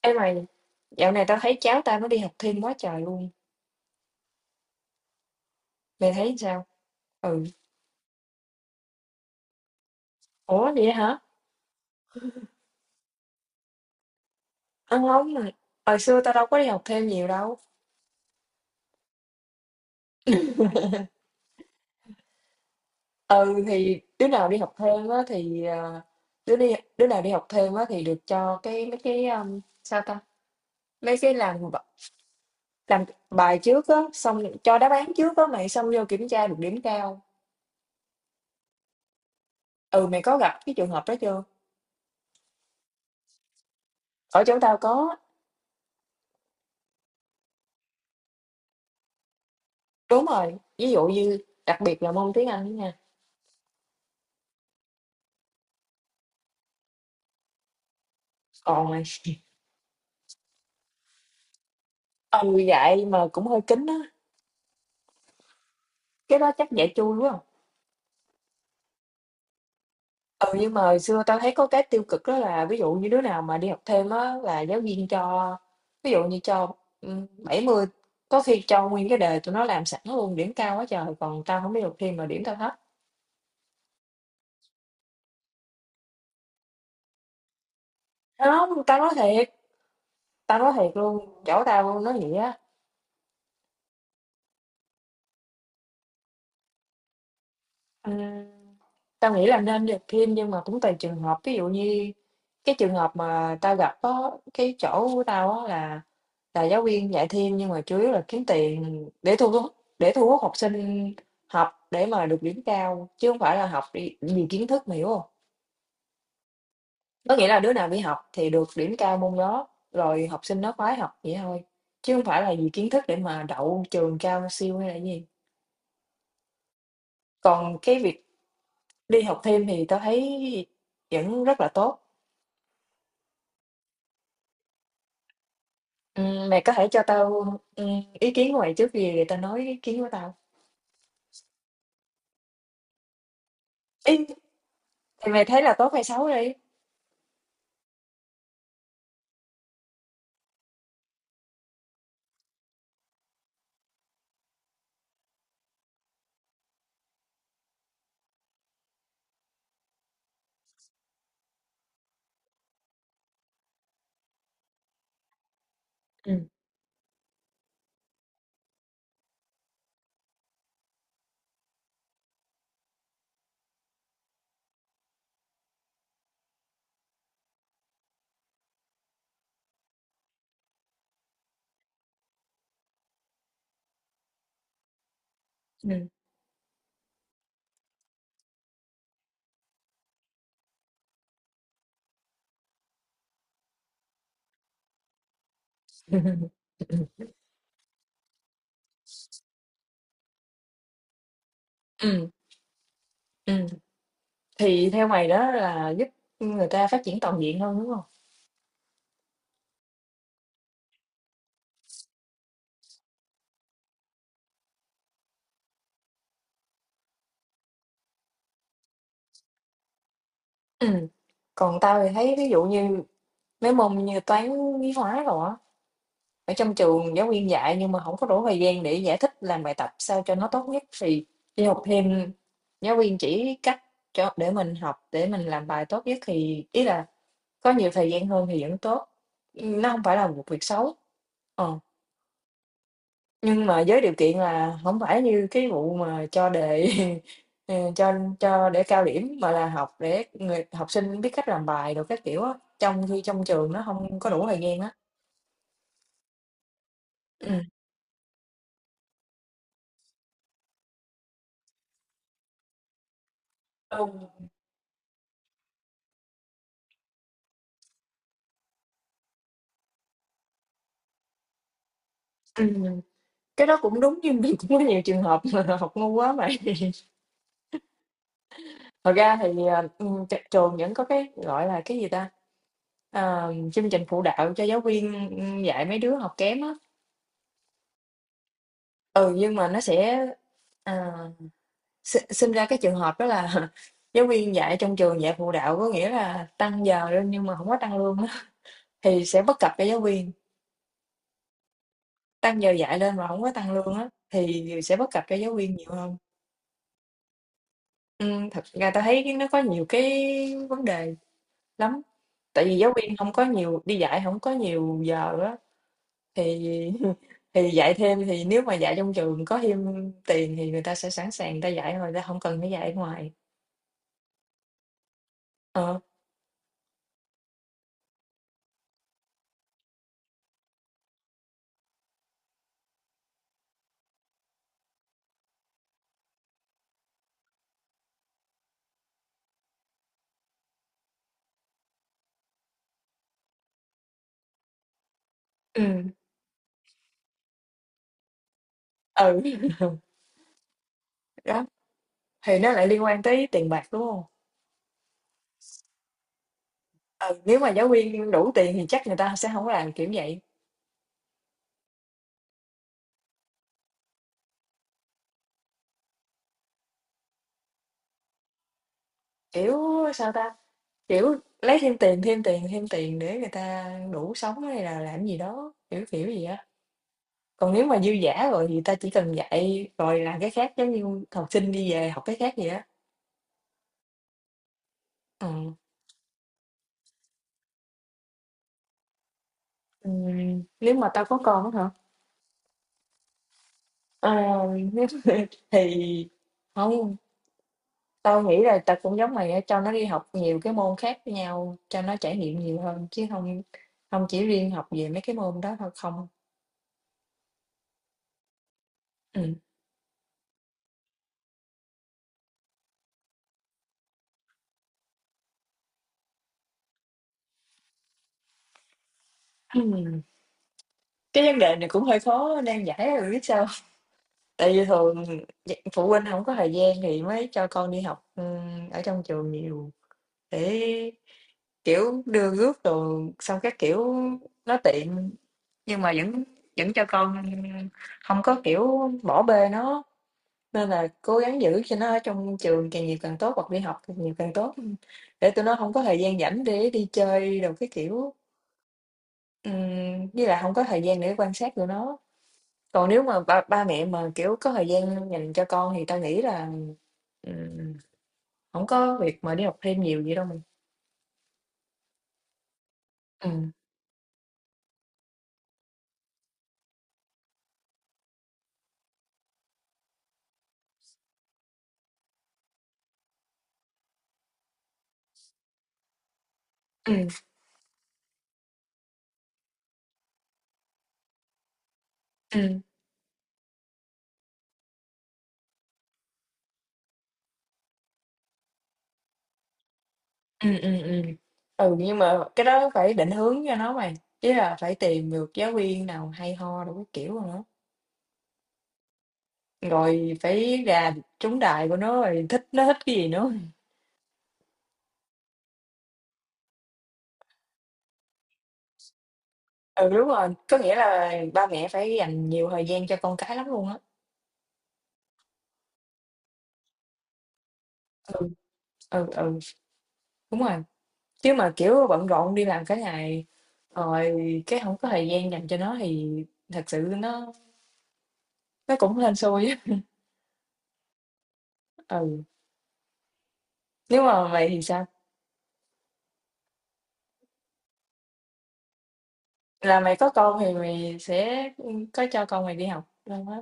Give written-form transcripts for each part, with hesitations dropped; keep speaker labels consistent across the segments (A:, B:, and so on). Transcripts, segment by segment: A: Ê mày, dạo này tao thấy cháu tao nó đi học thêm quá trời luôn. Mày thấy sao? Ừ. Ủa vậy hả? Ăn không mà. Hồi xưa tao đâu có đi học thêm nhiều đâu. Ừ thì đứa nào đi học thêm á thì đứa nào đi học thêm á thì được cho mấy cái, sao ta? Mấy cái làm bài trước á, xong cho đáp án trước á mày, xong vô kiểm tra được điểm cao. Ừ, mày có gặp cái trường hợp đó chưa? Ở chỗ tao có. Đúng rồi. Ví dụ như đặc biệt là môn tiếng Anh đó nha. Còn mày, ừ, vậy mà cũng hơi kín á, cái đó chắc giả trui, đúng. Ừ, nhưng mà hồi xưa tao thấy có cái tiêu cực đó là, ví dụ như đứa nào mà đi học thêm á là giáo viên cho ví dụ như cho, 70, có khi cho nguyên cái đề tụi nó làm sẵn luôn, điểm cao quá trời, còn tao không biết học thêm mà điểm tao thấp. Hông, tao nói thiệt luôn, chỗ tao luôn nói vậy á. Ừm, tao nghĩ là nên đi học thêm nhưng mà cũng tùy trường hợp, ví dụ như cái trường hợp mà tao gặp, có cái chỗ của tao á là giáo viên dạy thêm nhưng mà chủ yếu là kiếm tiền để thu hút học sinh học để mà được điểm cao, chứ không phải là học đi vì kiến thức, mà hiểu không? Có nghĩa là đứa nào đi học thì được điểm cao môn đó, rồi học sinh nó khoái học vậy thôi, chứ không phải là vì kiến thức để mà đậu trường cao siêu hay là gì. Còn cái việc đi học thêm thì tao thấy vẫn rất là tốt. Ừ, mày có thể cho tao, ừ, ý kiến của mày trước, gì để tao nói ý kiến của tao. Ý, thì mày thấy là tốt hay xấu đi. Ừ. Ừ. Ừm, ừm, thì theo mày đó là giúp người ta phát triển toàn diện hơn, đúng hông? Ừm, Còn tao thì thấy, ví dụ như mấy môn như toán, lý hóa đồ á, ở trong trường giáo viên dạy nhưng mà hổng có đủ thời gian để giải thích, làm bài tập sao cho nó tốt nhất, thì đi học thêm. Giáo viên chỉ cách cho để mình học, để mình làm bài tốt nhất, thì ý là có nhiều thời gian hơn thì vẫn tốt, nó hông phải là một việc xấu. Ờ. Nhưng mà với điều kiện là hổng phải như cái vụ mà cho đề ờ, cho cho để cao điểm, mà là học để người học sinh biết cách làm bài đồ các kiểu á, trong khi trong trường nó hông có đủ thời gian á. Ừm. Ừ. Ừm, cái đó cũng đúng nhưng mà cũng có nhiều trường hợp là học ngu quá mà. Thật ra thì, ờ, tr trường vẫn có cái, gọi là, cái gì ta, chương trình phụ đạo cho giáo viên, dạy mấy đứa học kém á. Ừ, nhưng mà nó sẽ, ờ, sinh ra cái trường hợp đó là giáo viên dạy trong trường dạy phụ đạo, có nghĩa là tăng giờ lên nhưng mà không có tăng lương á, thì sẽ bất cập cho giáo viên, tăng giờ dạy lên mà không có tăng lương á, thì sẽ bất cập cho giáo viên nhiều hơn. Thật ra tao thấy cái nó có nhiều cái vấn đề lắm, tại vì giáo viên không có nhiều đi dạy, không có nhiều giờ á, thì thì dạy thêm, thì nếu mà dạy trong trường có thêm tiền thì người ta sẽ sẵn sàng, người ta dạy rồi người ta không cần phải dạy ở ngoài. Ờ, ừm, ừ, đó. Thì nó lại liên quan tới tiền bạc, đúng không? Ừ, nếu mà giáo viên đủ tiền thì chắc người ta sẽ không làm kiểu vậy, kiểu sao ta, kiểu lấy thêm tiền, thêm tiền, thêm tiền để người ta đủ sống, hay là làm gì đó kiểu kiểu gì á. Còn nếu mà dư giả rồi thì ta chỉ cần dạy rồi làm cái khác, giống như học sinh đi về học cái khác vậy á. Ừ. Nếu mà tao có con á hả, ờ, nếu mà thì không. Tao nghĩ là tao cũng giống mày á, cho nó đi học nhiều cái môn khác với nhau, cho nó trải nghiệm nhiều hơn, chứ không không chỉ riêng học về mấy cái môn đó thôi không. Ừm, ừm, cái vấn đề này cũng hơi khó nan giải á, biết sao. Tại vì thường phụ huynh không có thời gian thì mới cho con đi học, ở trong trường nhiều để, kiểu, đưa rước rồi xong các kiểu nó tiện, nhưng mà vẫn vẫn cho con không có, kiểu, bỏ bê nó. Nên là cố gắng giữ cho nó ở trong trường càng nhiều càng tốt, hoặc đi học càng nhiều càng tốt, để tụi nó hông có thời gian rảnh để đi chơi đồ cái kiểu. Với lại hông có thời gian để quan sát tụi nó. Còn nếu mà ba ba mẹ mà, kiểu, có thời gian dành cho con thì tao nghĩ là, ừm, hổng có việc mà đi học thêm nhiều vậy đâu mình. Ừm, ừm, ừm, ừm, ừm, ừm. Ừ, nhưng mà cái đó phải định hướng cho nó mày, ý là phải tìm được giáo viên nào hay ho đồ các kiểu đồ nữa. Rồi phải gà trúng đại của nó, rồi thích, nó thích cái gì nữa. Ừ, đúng rồi, có nghĩa là ba mẹ phải dành nhiều thời gian cho con cái lắm luôn á. ừ ừ Đúng rồi. Chứ mà kiểu bận rộn đi làm cả ngày rồi cái không có thời gian dành cho nó thì thật sự nó cũng hên xui á. Ừ, nếu mà mày thì sao, là mày có con thì mày sẽ có cho con mày đi học đâu á.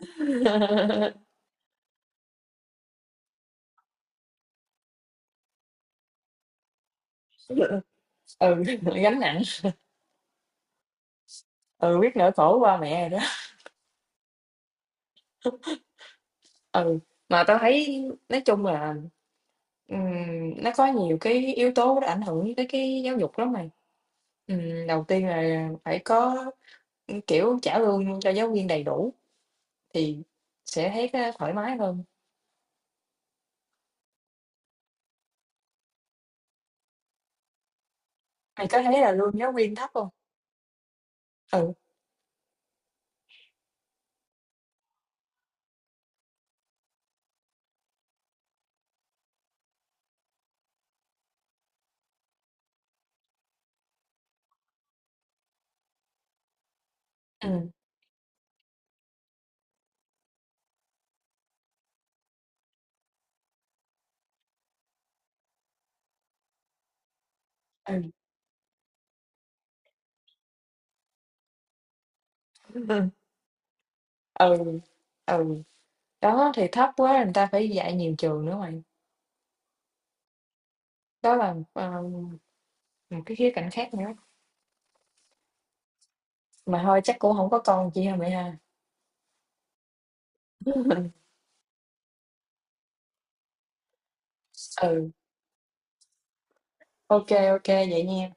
A: Ừ, gánh nặng. Ừ, biết nỗi khổ của ba mẹ rồi đó. Ừ, mà tao thấy nói chung là, ừm, nó có nhiều cái yếu tố nó ảnh hưởng tới cái giáo dục lắm bạn. Đầu tiên là phải có, kiểu, trả lương cho giáo viên đầy đủ thì sẽ thấy cái thoải mái hơn. Mày có thấy là lương giáo viên thấp không? Ừ, ừm, ừ, ừ, ừ, ừ, đó, thì thấp quá người ta phải dạy nhiều trường nữa mày. Đó là, ờ, một cái khía cạnh khác nữa. Mà thôi chắc cũng không có con chi hả mẹ ha? Ừ, ok ok vậy nha.